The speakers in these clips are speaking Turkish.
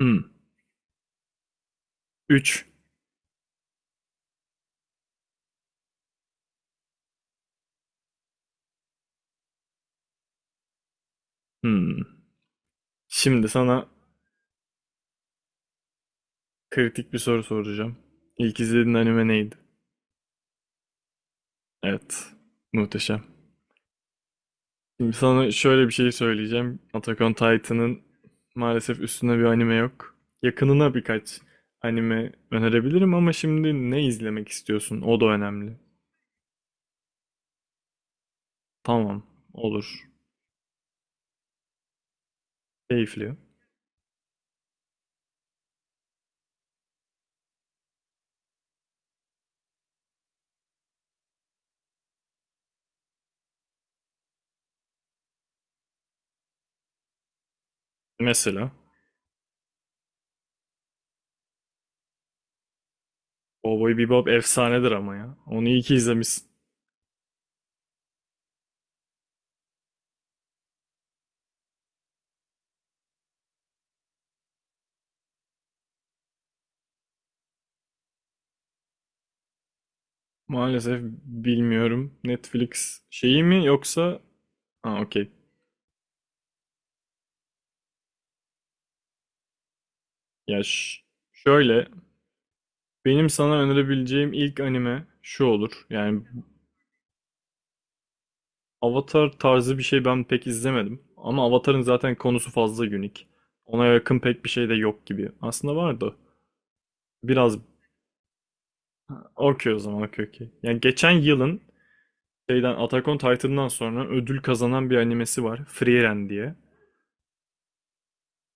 Hmm. 3. Hmm. Şimdi sana kritik bir soru soracağım. İlk izlediğin anime neydi? Evet. Muhteşem. Şimdi sana şöyle bir şey söyleyeceğim. Attack on Titan'ın maalesef üstüne bir anime yok. Yakınına birkaç anime önerebilirim, ama şimdi ne izlemek istiyorsun? O da önemli. Tamam. Olur. Keyifli. Mesela Cowboy Bebop efsanedir ama ya. Onu iyi ki izlemişsin. Maalesef bilmiyorum. Netflix şeyi mi yoksa... Ha okey. Ya şöyle benim sana önerebileceğim ilk anime şu olur. Yani Avatar tarzı bir şey ben pek izlemedim. Ama Avatar'ın zaten konusu fazla unik. Ona yakın pek bir şey de yok gibi. Aslında vardı. Biraz okey o zaman, okey okey. Yani geçen yılın şeyden Attack on Titan'dan sonra ödül kazanan bir animesi var. Frieren diye.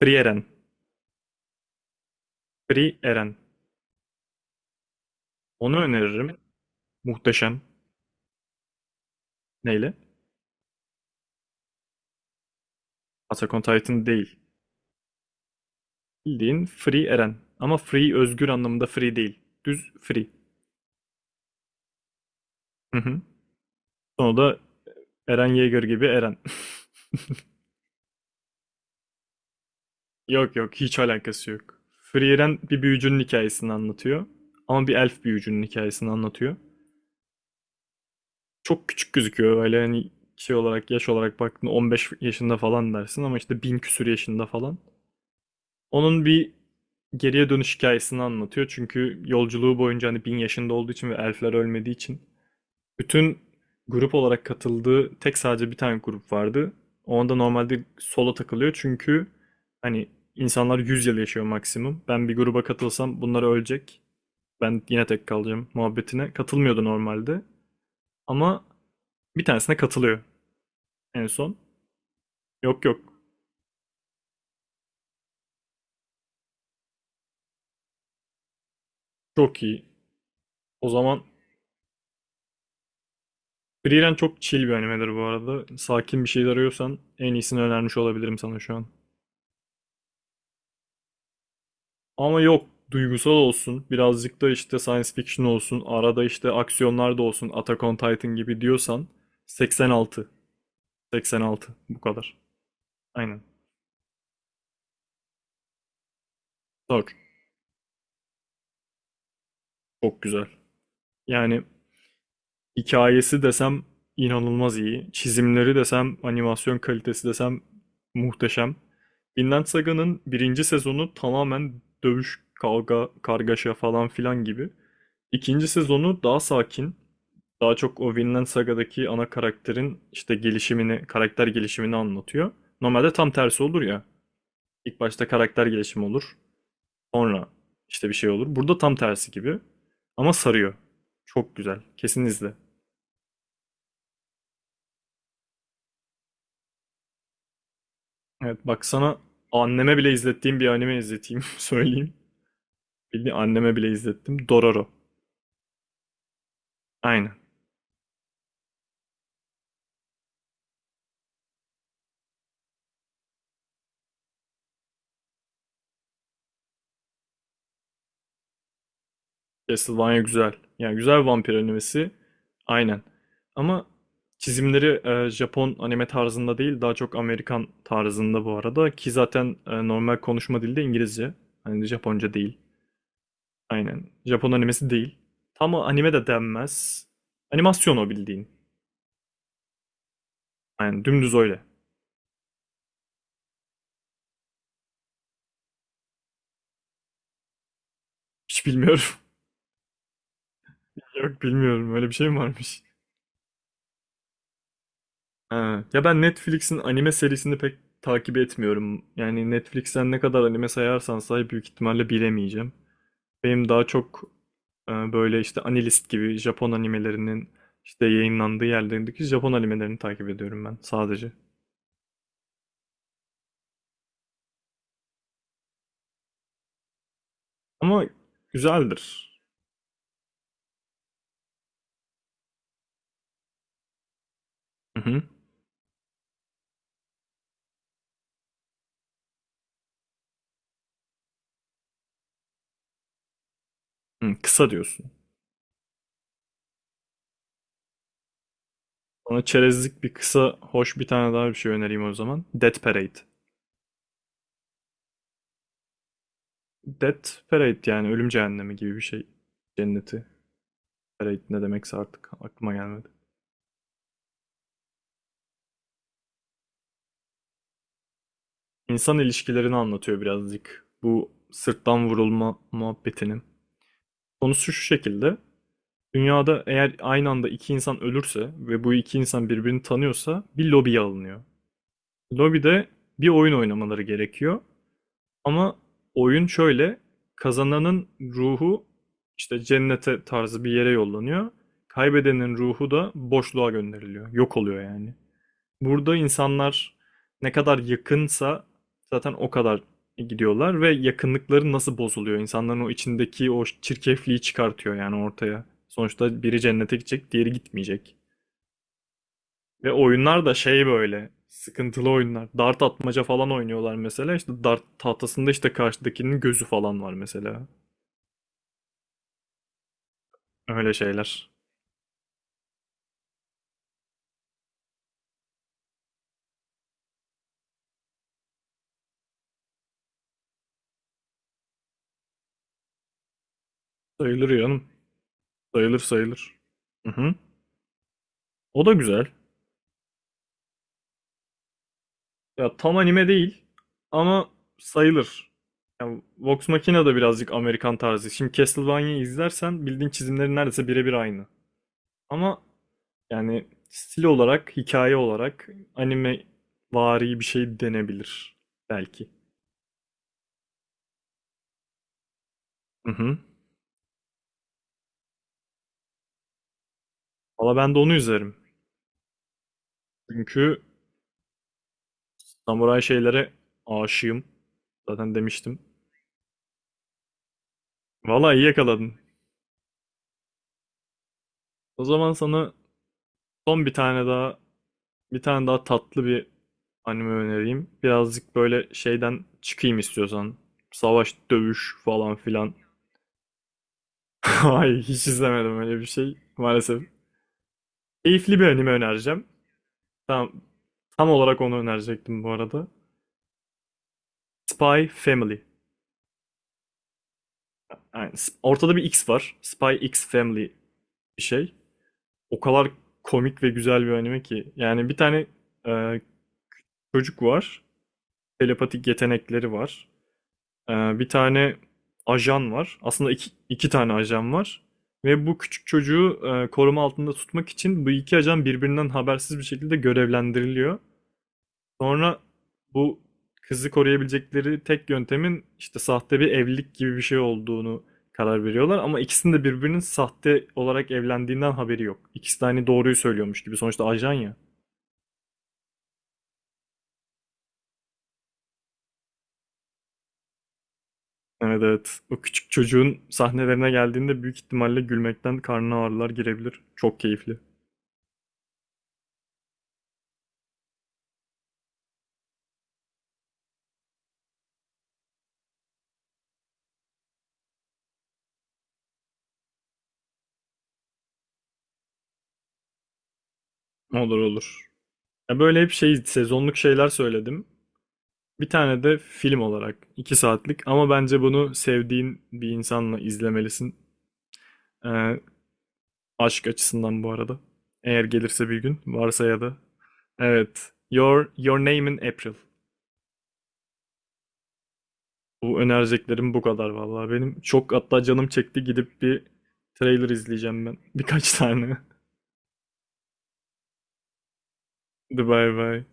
Frieren. Frieren. Onu öneririm. Muhteşem. Neyle? Attack on Titan değil. Bildiğin Free Eren. Ama free özgür anlamında free değil. Düz free. Hı hı. Sonra da Eren Yeager gibi Eren. Yok yok, hiç alakası yok. Free Eren bir büyücünün hikayesini anlatıyor. Ama bir elf büyücünün hikayesini anlatıyor. Çok küçük gözüküyor, öyle hani şey olarak, yaş olarak baktığında 15 yaşında falan dersin, ama işte bin küsür yaşında falan. Onun bir geriye dönüş hikayesini anlatıyor. Çünkü yolculuğu boyunca, hani bin yaşında olduğu için ve elfler ölmediği için, bütün grup olarak katıldığı tek, sadece bir tane grup vardı. Onda normalde solo takılıyor, çünkü hani insanlar 100 yıl yaşıyor maksimum. Ben bir gruba katılsam bunlar ölecek. Ben yine tek kalacağım muhabbetine. Katılmıyordu normalde. Ama bir tanesine katılıyor en son. Yok yok, çok iyi. O zaman Frieren çok chill bir animedir bu arada. Sakin bir şey arıyorsan en iyisini önermiş olabilirim sana şu an. Ama yok, duygusal olsun birazcık, da işte science fiction olsun, arada işte aksiyonlar da olsun Attack on Titan gibi diyorsan, 86. 86 bu kadar. Aynen. Sor. Çok güzel. Yani hikayesi desem inanılmaz iyi. Çizimleri desem, animasyon kalitesi desem muhteşem. Vinland Saga'nın birinci sezonu tamamen dövüş, kavga, kargaşa falan filan gibi. İkinci sezonu daha sakin. Daha çok o Vinland Saga'daki ana karakterin işte gelişimini, karakter gelişimini anlatıyor. Normalde tam tersi olur ya. İlk başta karakter gelişimi olur. Sonra işte bir şey olur. Burada tam tersi gibi. Ama sarıyor. Çok güzel. Kesin izle. Evet, bak sana anneme bile izlettiğim bir anime izleteyim, söyleyeyim. Bildiğin anneme bile izlettim. Dororo. Aynen. Castlevania güzel. Yani güzel vampir animesi. Aynen. Ama çizimleri Japon anime tarzında değil, daha çok Amerikan tarzında bu arada. Ki zaten normal konuşma dili de İngilizce. Hani Japonca değil. Aynen. Japon animesi değil. Tam anime de denmez. Animasyon o, bildiğin. Aynen, dümdüz öyle. Hiç bilmiyorum. Yok bilmiyorum. Öyle bir şey mi varmış? Ha. Ya ben Netflix'in anime serisini pek takip etmiyorum. Yani Netflix'ten ne kadar anime sayarsan say, büyük ihtimalle bilemeyeceğim. Benim daha çok böyle işte Anilist gibi Japon animelerinin işte yayınlandığı yerlerindeki Japon animelerini takip ediyorum ben sadece. Ama güzeldir. Hı hı. Hı, kısa diyorsun. Bana çerezlik bir kısa, hoş bir tane daha bir şey önereyim o zaman. Death Parade. Death Parade, yani ölüm cehennemi gibi bir şey. Cenneti. Parade ne demekse artık aklıma gelmedi. İnsan ilişkilerini anlatıyor birazcık. Bu sırttan vurulma muhabbetinin. Konusu şu şekilde. Dünyada eğer aynı anda iki insan ölürse ve bu iki insan birbirini tanıyorsa, bir lobiye alınıyor. Lobide bir oyun oynamaları gerekiyor. Ama oyun şöyle. Kazananın ruhu işte cennete tarzı bir yere yollanıyor. Kaybedenin ruhu da boşluğa gönderiliyor. Yok oluyor yani. Burada insanlar ne kadar yakınsa zaten o kadar gidiyorlar ve yakınlıkları nasıl bozuluyor? İnsanların o içindeki o çirkefliği çıkartıyor yani ortaya. Sonuçta biri cennete gidecek, diğeri gitmeyecek. Ve oyunlar da şey, böyle sıkıntılı oyunlar. Dart atmaca falan oynuyorlar mesela. İşte dart tahtasında işte karşıdakinin gözü falan var mesela. Öyle şeyler. Sayılır yanım, sayılır sayılır. Hı hı. O da güzel. Ya tam anime değil ama sayılır. Ya, Vox Machina da birazcık Amerikan tarzı. Şimdi Castlevania'yı izlersen bildiğin çizimleri neredeyse birebir aynı. Ama yani stil olarak, hikaye olarak anime vari bir şey denebilir belki. Hı hı. Valla ben de onu üzerim. Çünkü samuray şeylere aşığım. Zaten demiştim. Valla iyi yakaladın. O zaman sana son bir tane daha, bir tane daha tatlı bir anime önereyim. Birazcık böyle şeyden çıkayım istiyorsan. Savaş, dövüş falan filan. Ay, hiç izlemedim öyle bir şey maalesef. Keyifli bir anime önereceğim. Tam, tam olarak onu önerecektim bu arada. Spy Family. Yani ortada bir X var. Spy X Family bir şey. O kadar komik ve güzel bir anime ki. Yani bir tane e, çocuk var. Telepatik yetenekleri var. Bir tane ajan var. Aslında iki tane ajan var. Ve bu küçük çocuğu koruma altında tutmak için bu iki ajan birbirinden habersiz bir şekilde görevlendiriliyor. Sonra bu kızı koruyabilecekleri tek yöntemin işte sahte bir evlilik gibi bir şey olduğunu karar veriyorlar. Ama ikisinin de birbirinin sahte olarak evlendiğinden haberi yok. İkisi de hani doğruyu söylüyormuş gibi. Sonuçta ajan ya. Evet evet. O küçük çocuğun sahnelerine geldiğinde büyük ihtimalle gülmekten karnına ağrılar girebilir. Çok keyifli. Olur olur. Ya böyle hep şey, sezonluk şeyler söyledim. Bir tane de film olarak, 2 saatlik, ama bence bunu sevdiğin bir insanla izlemelisin. Ee, aşk açısından bu arada. Eğer gelirse bir gün, varsa ya da. Evet. Your Name in April. Bu önereceklerim bu kadar vallahi benim. Çok, hatta canım çekti gidip bir trailer izleyeceğim ben. Birkaç tane. Hadi bay bay.